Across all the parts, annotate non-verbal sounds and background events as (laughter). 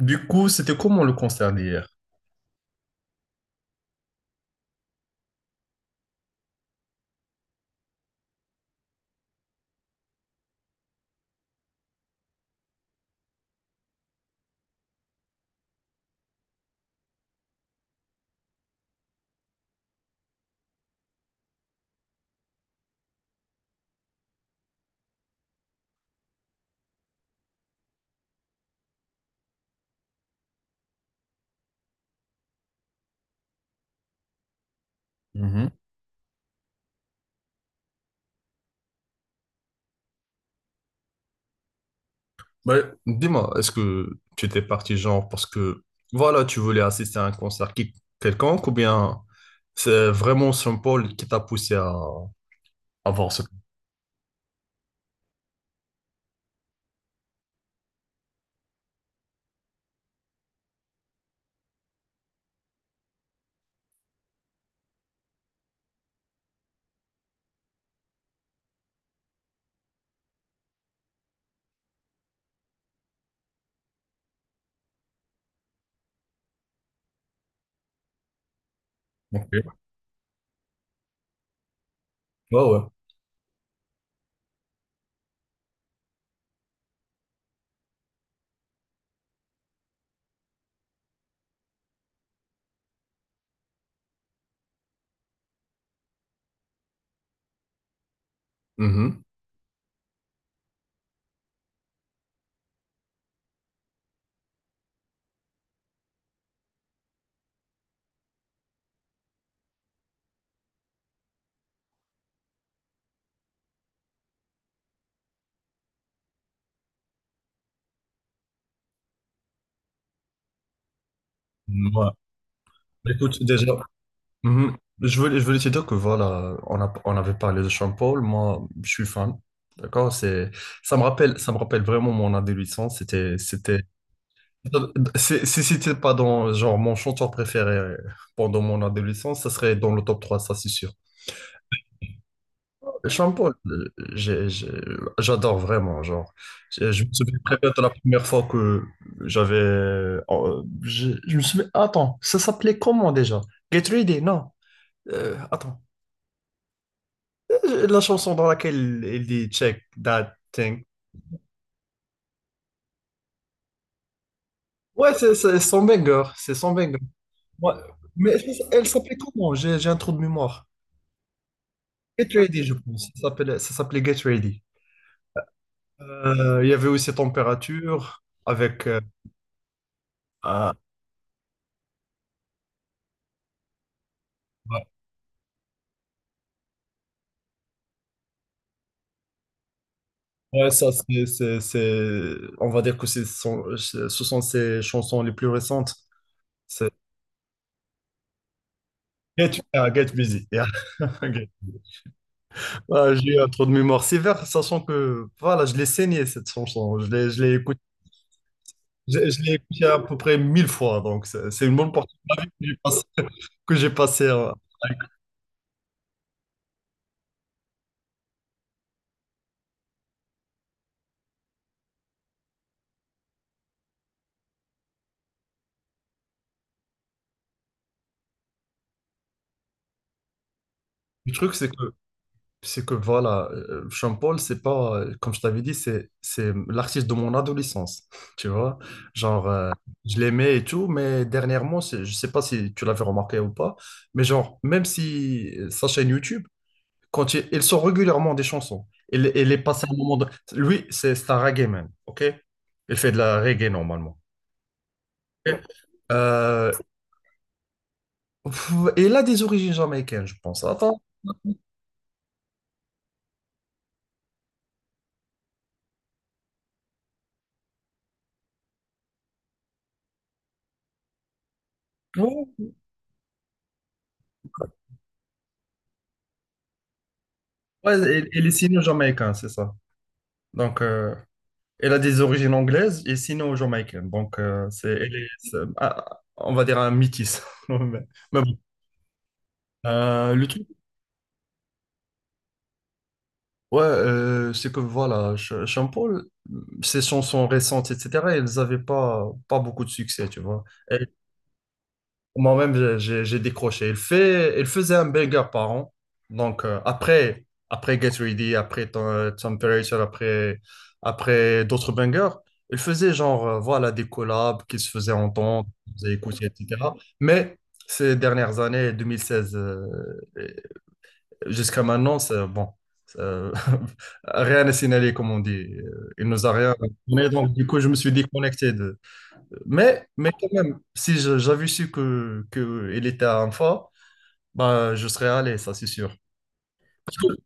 Du coup, c'était comment le concert d'hier? Mhm. Bah, dis-moi, est-ce que tu étais parti genre parce que voilà, tu voulais assister à un concert quelconque, ou bien c'est vraiment Saint-Paul qui t'a poussé à voir ce... Ok. Ouais, ouais. Mhm. Ouais. Écoute, déjà, mhm, je voulais, je voulais te dire que voilà, on a, on avait parlé de Saint-Paul, moi, je suis fan, d'accord? C'est, ça me rappelle vraiment mon adolescence, c'était, c'était... Si, si c'était pas dans genre mon chanteur préféré pendant mon adolescence, ça serait dans le top 3, ça c'est sûr. Sean Paul, j'adore vraiment, genre. Je me souviens très bien de la première fois que j'avais. Je me souviens. Attends, ça s'appelait comment déjà? Get Ready, non. Attends. La chanson dans laquelle il dit Check that thing. Ouais, c'est son banger, c'est son banger. Ouais. Mais elle s'appelait comment? J'ai un trou de mémoire. Get Ready, je pense. Ça s'appelait Get Ready. Il y avait aussi Température avec. Ah, ouais, ouais, ça, c'est- on va dire que c'est son- ce sont ses chansons les plus récentes. C'est Get, ah, Get Busy. Yeah. (laughs) Ok. Ah, j'ai eu trop de mémoire sévère, sachant que voilà, je l'ai saigné cette chanson. Je l'ai écouté. Je l'ai écouté à peu près mille fois, donc c'est une bonne partie de ma vie que j'ai passée. (laughs) Que j'ai passé, hein. Le truc, c'est que C'est que voilà, Sean Paul, c'est pas, comme je t'avais dit, c'est l'artiste de mon adolescence, (laughs) tu vois. Genre, je l'aimais et tout, mais dernièrement, c'est- je sais pas si tu l'avais remarqué ou pas, mais genre, même si sa chaîne YouTube, quand il sort régulièrement des chansons, il est passé un moment de... Lui, c'est un reggae man, ok? Il fait de la reggae normalement. Ok. Euh, pff, et il a des origines jamaïcaines, je pense. Attends, ouais, ouais, il est signé jamaïcain, c'est ça. Donc... elle a des origines anglaises et sinon jamaïcaines. Donc, c'est, elle est, c'est- ah, on va dire un métis. (laughs) Mais mais bon. Euh, le truc, ouais, c'est que voilà, Sean Paul, ses chansons récentes, etc., elles n'avaient pas, pas beaucoup de succès, tu vois. Moi-même, j'ai j'ai décroché. Il fait, il faisait un burger par an. Donc, après, après Get Ready, après Temperature, après, après d'autres bangers, il faisait genre, voilà, des collabs qui se faisaient entendre, qui se faisaient écouter, etc. Mais ces dernières années, 2016 et jusqu'à maintenant, c'est bon. euh, (laughs) Rien n'est signalé, comme on dit. Il nous a rien donné. Donc, du coup, je me suis déconnecté, mais quand même, si j'avais su que il était à Anfa, bah, je serais allé, ça c'est sûr. Parce que-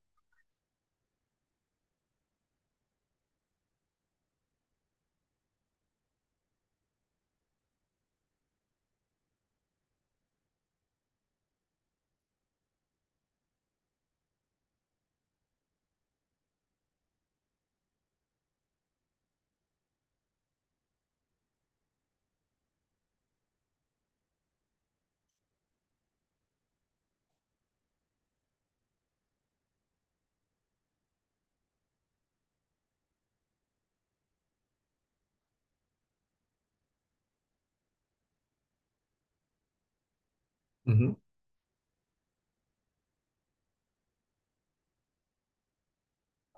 Mhm.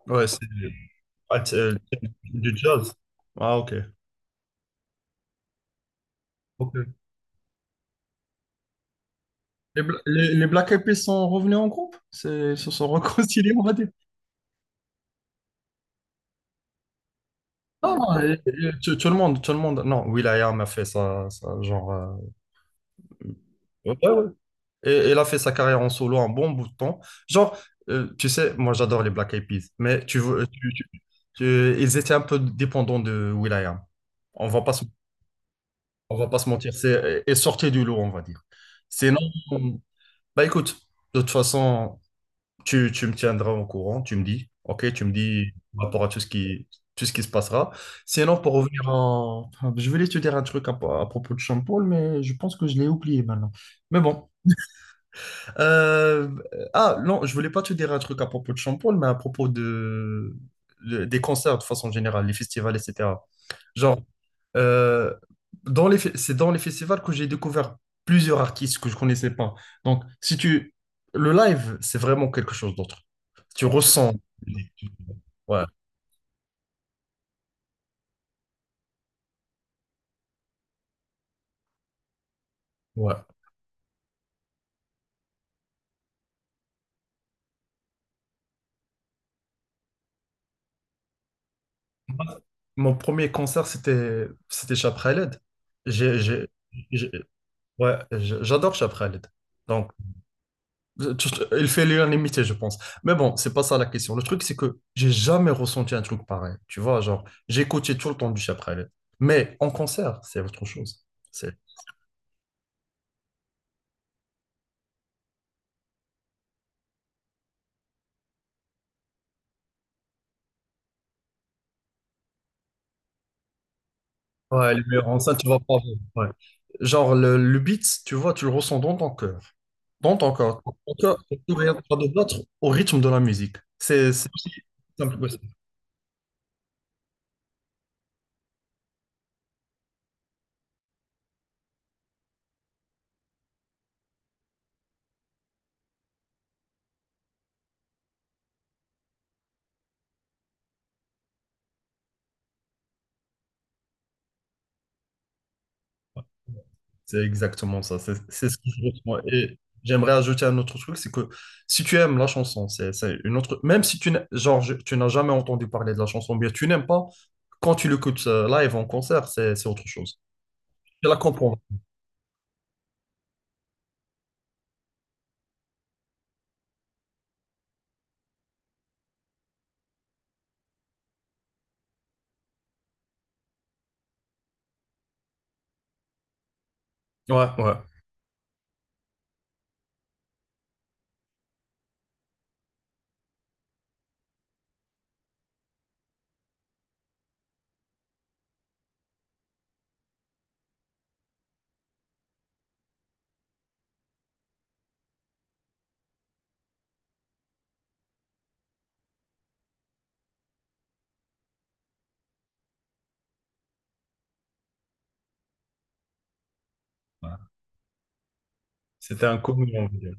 Ouais, c'est ah, c'est, du jazz. Ah, ok. Ok. Les, les Black Eyed Peas sont revenus en groupe? C'est- ils se sont (laughs) réconciliés, on va dire. Non, tout, tout le monde, tout le monde. Non, will.i.am a fait ça, ça genre. Ouais, ouais, et a fait sa carrière en solo un bon bout de temps. Genre, tu sais, moi j'adore les Black Eyed Peas, mais tu, veux, ils étaient un peu dépendants de Will.i.am. On va pas se, on va pas se mentir, c'est et sortez du lot, on va dire. Sinon, bah écoute, de toute façon, tu me tiendras au courant, tu me dis, ok, tu me dis par rapport à tout ce qui se passera. Sinon, pour revenir en... Je voulais te dire un truc à propos de Sean Paul, mais je pense que je l'ai oublié maintenant. Mais bon, euh, ah, non, je voulais pas te dire un truc à propos de Champol, mais à propos de, des concerts de façon générale, les festivals, etc. Genre, euh, dans les, c'est dans les festivals que j'ai découvert plusieurs artistes que je connaissais pas. Donc, si tu, le live, c'est vraiment quelque chose d'autre. Tu ressens. Ouais, ouais. Mon premier concert, c'était, c'était Chapraled. J'ai, j'ai- ouais, j'ai- j'adore Chapraled. Donc, juste, il fait l'unanimité, je pense. Mais bon, c'est pas ça la question. Le truc, c'est que j'ai jamais ressenti un truc pareil. Tu vois, genre, j'ai écouté tout le temps du Chapralet. Mais en concert, c'est autre chose. C'est... Ouais, les meilleurs enceintes, tu vas pas voir. Ouais. Genre, le beat, tu vois, tu le ressens dans ton cœur. Dans ton corps. Ton cœur est en train de battre au rythme de la musique. C'est aussi simple. C'est exactement ça, c'est ce que je ressens. Et j'aimerais ajouter un autre truc, c'est que si tu aimes la chanson, c'est une autre... Même si tu n'as genre, je- tu n'as jamais entendu parler de la chanson, bien tu n'aimes pas, quand tu l'écoutes live en concert, c'est autre chose. Tu la comprends. Ouais, ouais. Ouais. C'était un commun envie.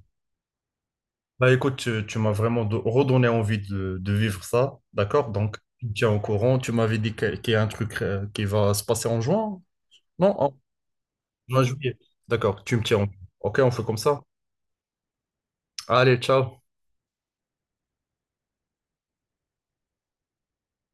Bah écoute, tu m'as vraiment redonné envie de vivre ça, d'accord? Donc, tu me tiens au courant, tu m'avais dit qu'il y a un truc qui va se passer en juin? Non, en juin, juillet. D'accord, tu me tiens. Au- Ok, on fait comme ça. Allez, ciao.